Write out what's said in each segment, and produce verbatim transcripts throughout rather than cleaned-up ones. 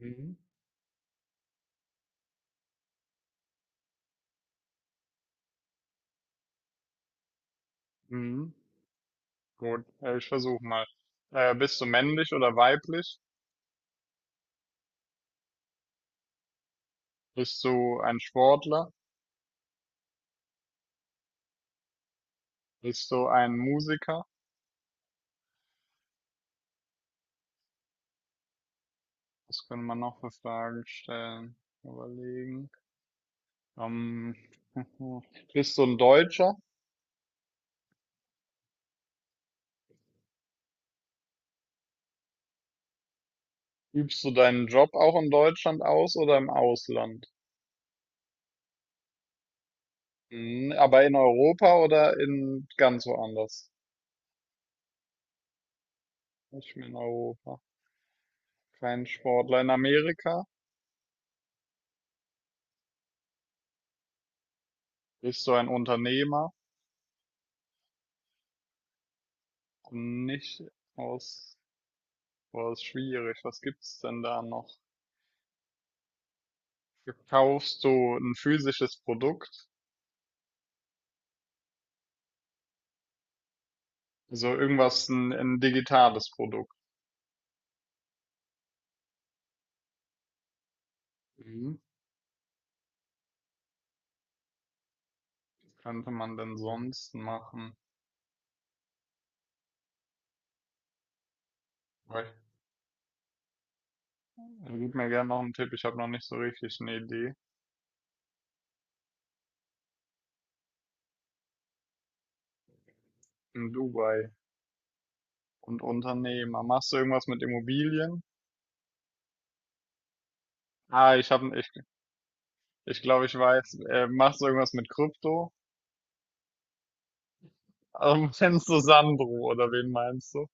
Mhm. Mhm. Gut, äh, ich versuche mal. Äh, bist du männlich oder weiblich? Bist du ein Sportler? Bist du ein Musiker? Was können wir noch für Fragen stellen? Überlegen. Ähm, bist du ein Deutscher? Übst du deinen Job auch in Deutschland aus oder im Ausland? Mhm. Aber in Europa oder in ganz woanders? Nicht mehr in Europa. Kein Sportler in Amerika? Bist du ein Unternehmer? Nicht aus. Boah, ist schwierig. Was gibt's denn da noch? Verkaufst du ein physisches Produkt? Also irgendwas, ein, ein digitales Produkt. Mhm. Was könnte man denn sonst machen? Aber ich- Also gib mir gerne noch einen Tipp. Ich habe noch nicht so richtig eine Idee. In Dubai und Unternehmer. Machst du irgendwas mit Immobilien? Ah, ich habe, ich, ich glaube, ich weiß. Äh, machst du irgendwas mit Krypto? Also, kennst du Sandro oder wen meinst du?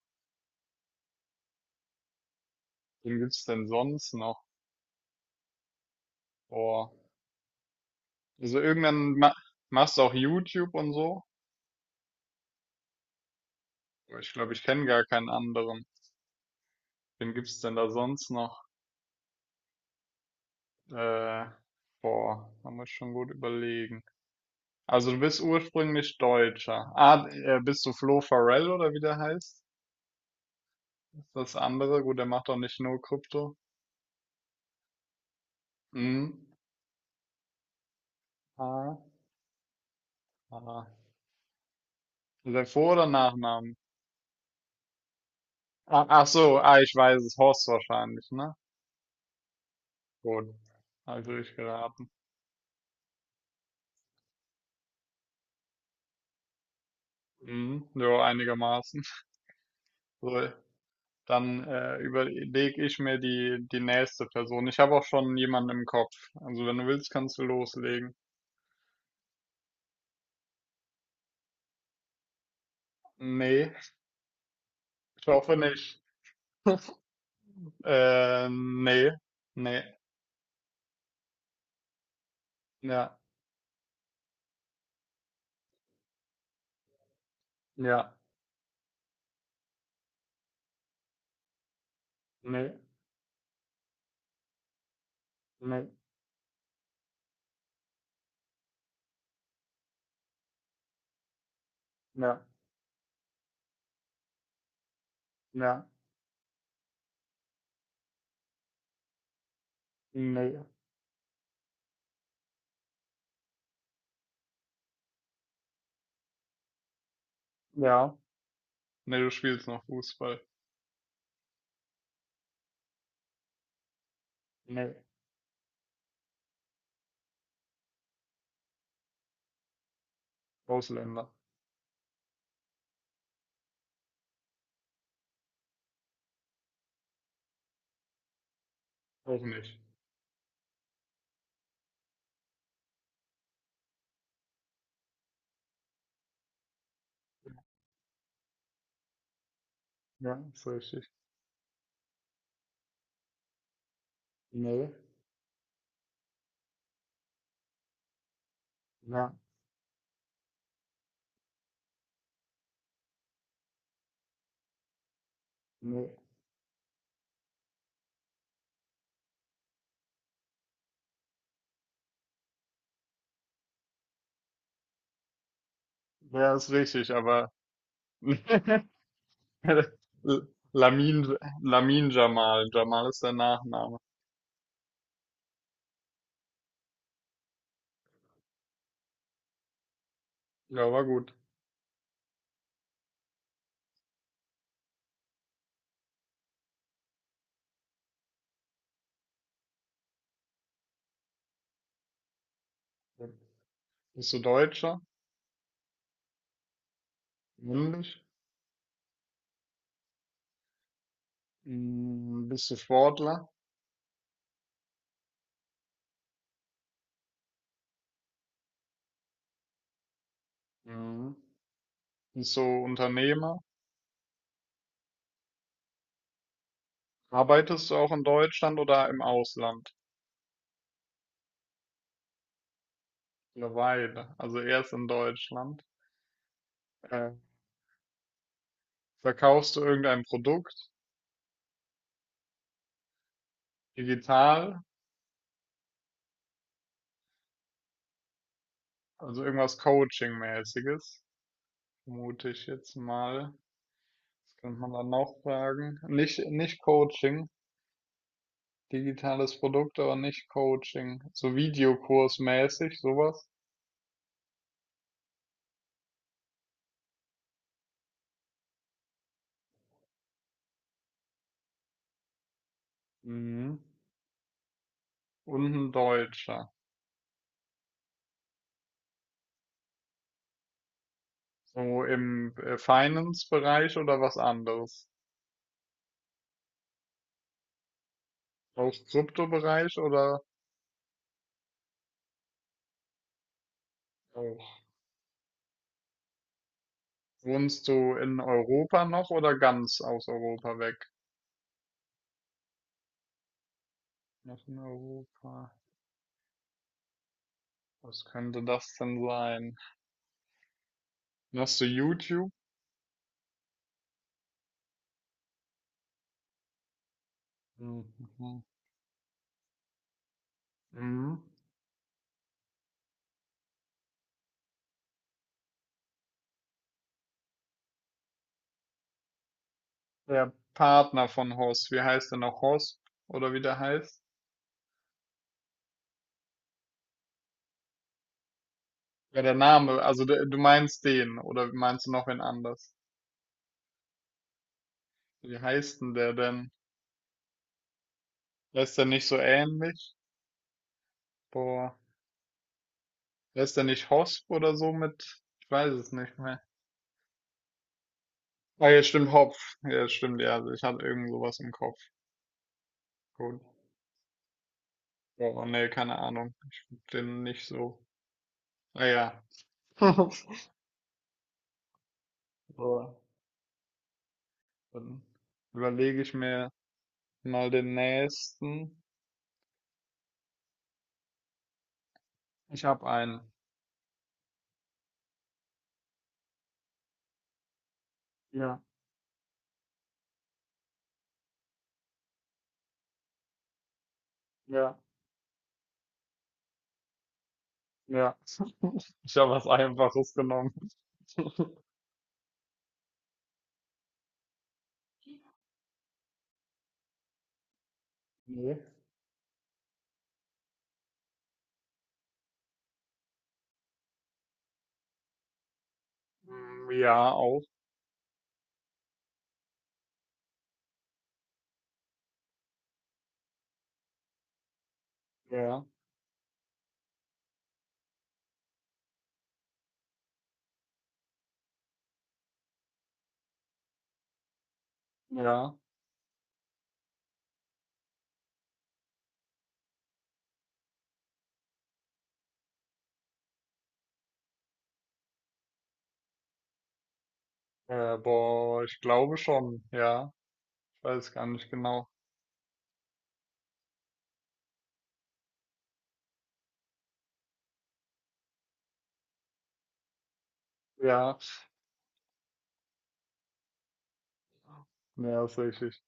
Wen gibt's denn sonst noch? Boah. Also irgendwann ma Machst du auch YouTube und so. Aber ich glaube, ich kenne gar keinen anderen. Wen gibt's denn da sonst noch? Äh, Boah, man muss schon gut überlegen. Also du bist ursprünglich Deutscher. Ah, äh, bist du Flo Farrell oder wie der heißt? Ist das andere? Gut, der macht doch nicht nur Krypto. Mhm. Ah, ah. Ist der Vor- oder Nachnamen? Ah, ach so, ah, ich weiß es. Horst wahrscheinlich, ne? Gut. Habe ich durchgeraten. Mhm. Jo, einigermaßen. So, dann, äh, überlege ich mir die die nächste Person. Ich habe auch schon jemanden im Kopf. Also, wenn du willst, kannst du loslegen. Ne, ich hoffe nicht. Äh, ne, ne, ja, ja, ne, ne, ja, ja, ne, ja. Ne, du spielst noch Fußball. Ne, Ausländer. Auch nicht. Ja, ist richtig. Ne, ja, ne. Ja, ist richtig, aber Lamin, Lamin Jamal. Jamal ist der Nachname. Ja, war gut. Bist du Deutscher? Männlich? Mm, bist du Sportler? Mhm. Bist du Unternehmer? Arbeitest du auch in Deutschland oder im Ausland? Eine Weile, also erst in Deutschland. Äh, Verkaufst du irgendein Produkt? Digital? Also irgendwas Coaching-mäßiges? Vermute ich jetzt mal. Was könnte man dann noch fragen? Nicht, nicht Coaching. Digitales Produkt, aber nicht Coaching. So Videokursmäßig, sowas. Mhm. Und ein Deutscher. So im äh, Finance-Bereich oder was anderes? Auch Kryptobereich oder auch? Wohnst du in Europa noch oder ganz aus Europa weg? Noch in Europa. Was könnte das denn sein? Hast du YouTube? Mhm. Mhm. Der Partner von Horst, wie heißt der noch? Horst? Oder wie der heißt? Ja, der Name, also der, du meinst den, oder meinst du noch wen anders? Wie heißt denn der denn? Der ist der nicht so ähnlich? Boah, der ist der nicht Hosp oder so mit? Ich weiß es nicht mehr. Ah, ja, stimmt, Hopf. Ja, stimmt, ja, also ich hatte irgend sowas im Kopf. Gut. Boah, nee, keine Ahnung. Ich find den nicht so. Ah ja. Boah, dann überlege ich mir mal den nächsten. Ich habe einen. Ja, ja, ja. Ich habe was Einfaches genommen. Ne? Hm, ja, auch. Ja, ja. Äh, boah, ich glaube schon. Ja, ich weiß gar nicht genau. Ja, ne, hast recht.